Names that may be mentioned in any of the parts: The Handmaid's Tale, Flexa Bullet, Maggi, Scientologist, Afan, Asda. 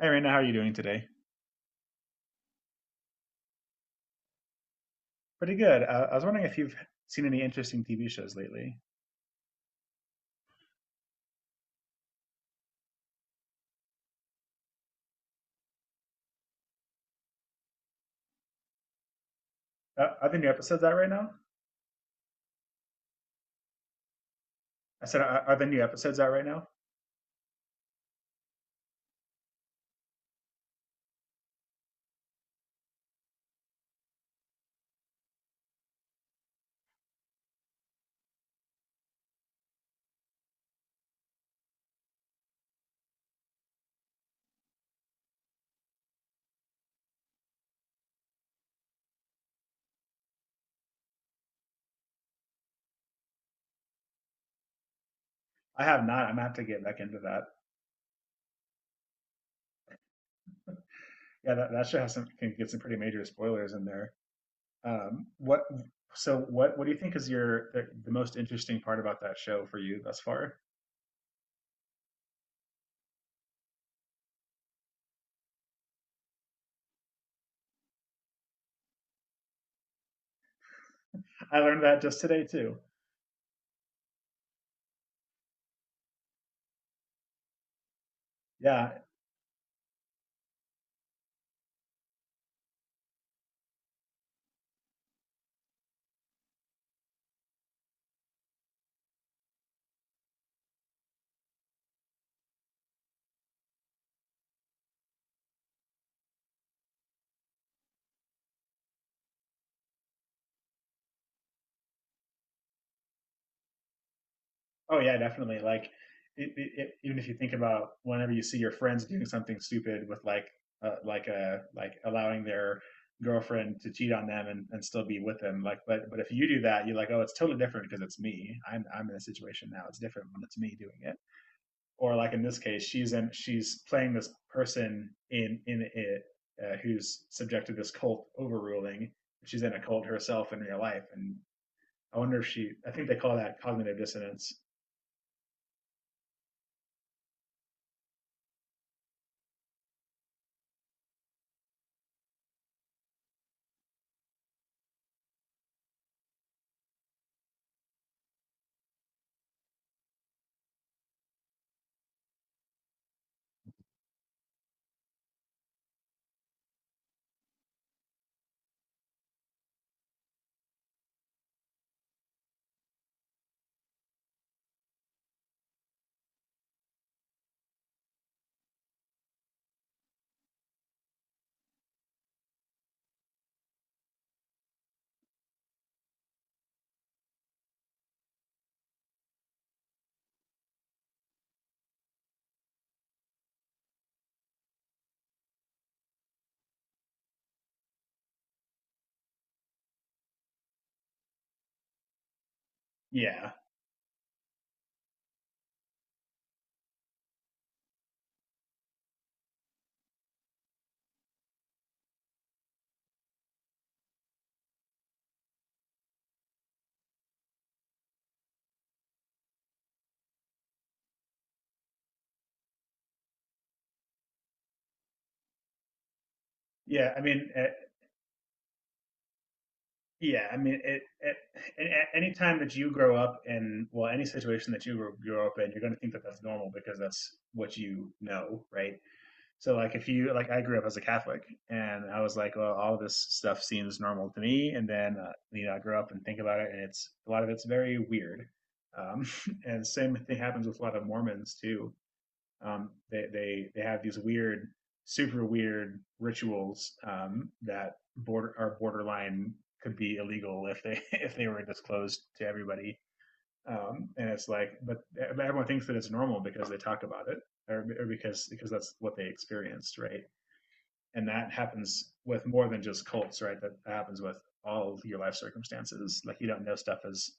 Hey, Raina, how are you doing today? Pretty good. I was wondering if you've seen any interesting TV shows lately. Are there new episodes out right now? I said, are there new episodes out right now? I have not. I'm gonna have to get back into that. Yeah, that show has some can get some pretty major spoilers in there. What? So what? What do you think is the most interesting part about that show for you thus far? I learned that just today too. Yeah. Oh yeah, definitely. Like, even if you think about whenever you see your friends doing something stupid with like a like allowing their girlfriend to cheat on them and still be with them, like, but if you do that, you're like, oh, it's totally different because it's me. I'm in a situation now. It's different when it's me doing it. Or like in this case, she's playing this person in it who's subject to this cult overruling. She's in a cult herself in real life, and I wonder if she. I think they call that cognitive dissonance. Yeah. Yeah, I mean, uh yeah, I mean, any time that you grow up in, well, any situation that you grow up in, you're going to think that that's normal because that's what you know, right? So, like, if you, like, I grew up as a Catholic and I was like, well, all this stuff seems normal to me. And then, you know, I grow up and think about it and it's, a lot of it's very weird. Um, and same thing happens with a lot of Mormons too, they have these weird, super weird rituals, that border are borderline could be illegal if they if they were disclosed to everybody. And it's like, but everyone thinks that it's normal because they talk about it, or because that's what they experienced, right? And that happens with more than just cults, right? That happens with all of your life circumstances. Like you don't know stuff is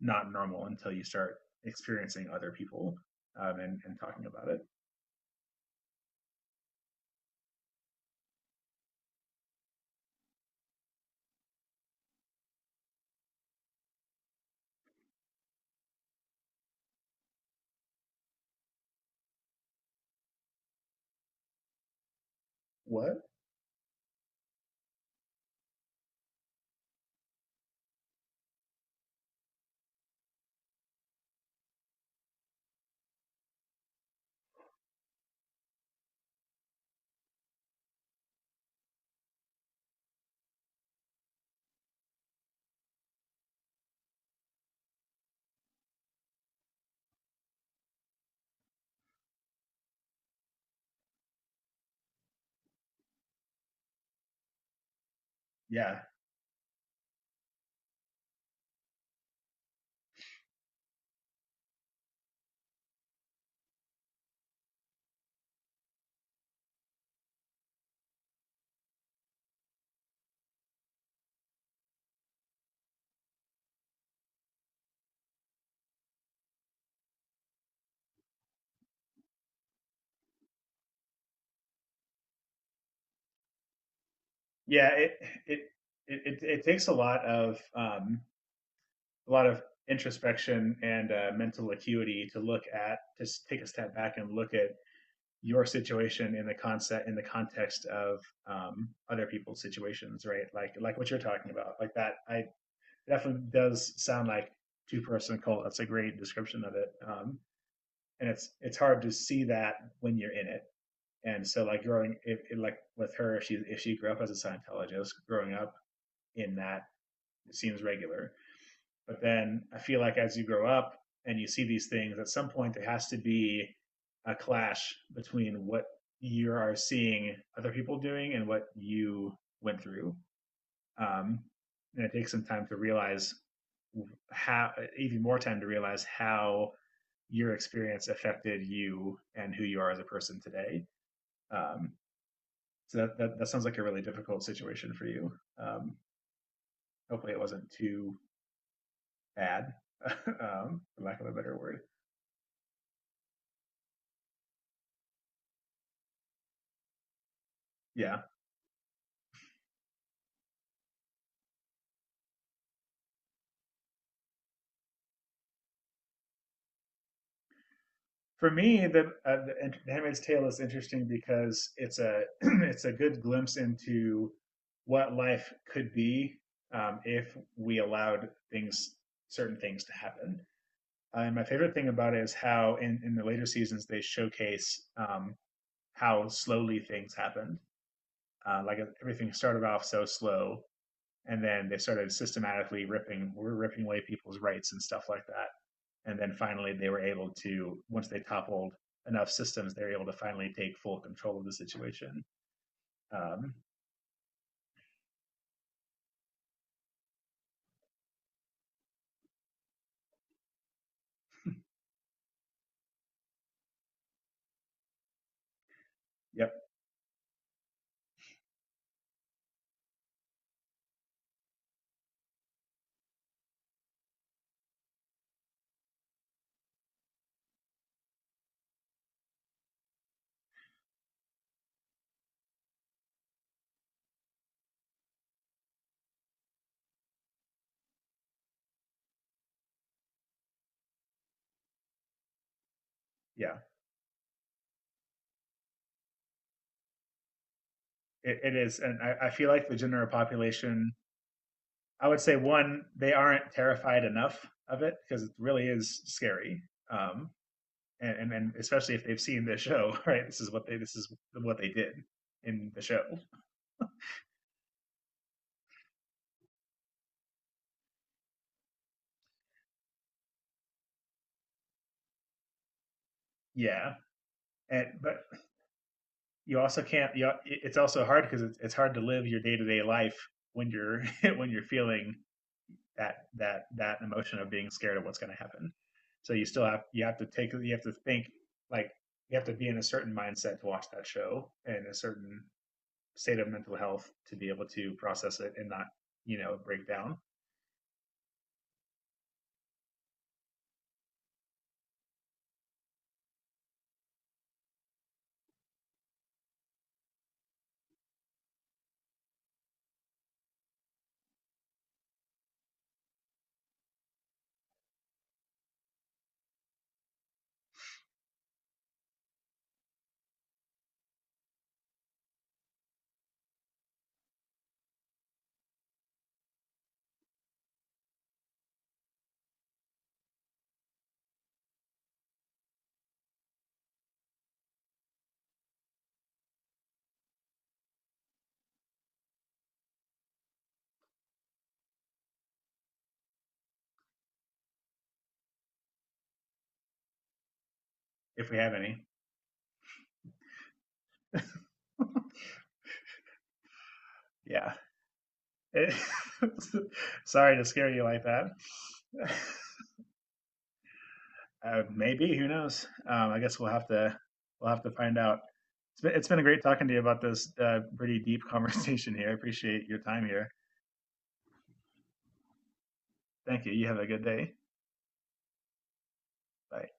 not normal until you start experiencing other people, and talking about it. What? Yeah. Yeah. It, it takes a lot of introspection and mental acuity to take a step back and look at your situation in the context of, other people's situations, right? Like what you're talking about, like that, I definitely does sound like two-person cult. That's a great description of it. And it's hard to see that when you're in it. And so like growing, if, like with her, if she grew up as a Scientologist growing up, in that it seems regular. But then I feel like as you grow up and you see these things, at some point there has to be a clash between what you are seeing other people doing and what you went through. Um, and it takes some time to realize how, even more time to realize how your experience affected you and who you are as a person today. Um, so that sounds like a really difficult situation for you. Um, Hopefully it wasn't too bad, for lack of a better word. Yeah, for me, the Handmaid's Tale is interesting because it's a it's a good glimpse into what life could be, if we allowed things certain things to happen. And my favorite thing about it is how in the later seasons they showcase, how slowly things happened. Everything started off so slow, and then they started systematically ripping away people's rights and stuff like that. And then finally, they were able to, once they toppled enough systems, they were able to finally take full control of the situation. Um, yep. Yeah, it is. And I feel like the general population, I would say, one, they aren't terrified enough of it because it really is scary. Um, and especially if they've seen the show, right? This is what they did in the show. Yeah, and but you also can't. It's also hard because it's hard to live your day to day life when you're when you're feeling that emotion of being scared of what's going to happen. So you have to take you have to think like you have to be in a certain mindset to watch that show and a certain state of mental health to be able to process it and not break down if we have any. Yeah. Sorry to scare you like that. Maybe who knows? I guess we'll have to find out. It's been great talking to you about this, pretty deep conversation here. I appreciate your time here. Thank you. You have a good day. Bye.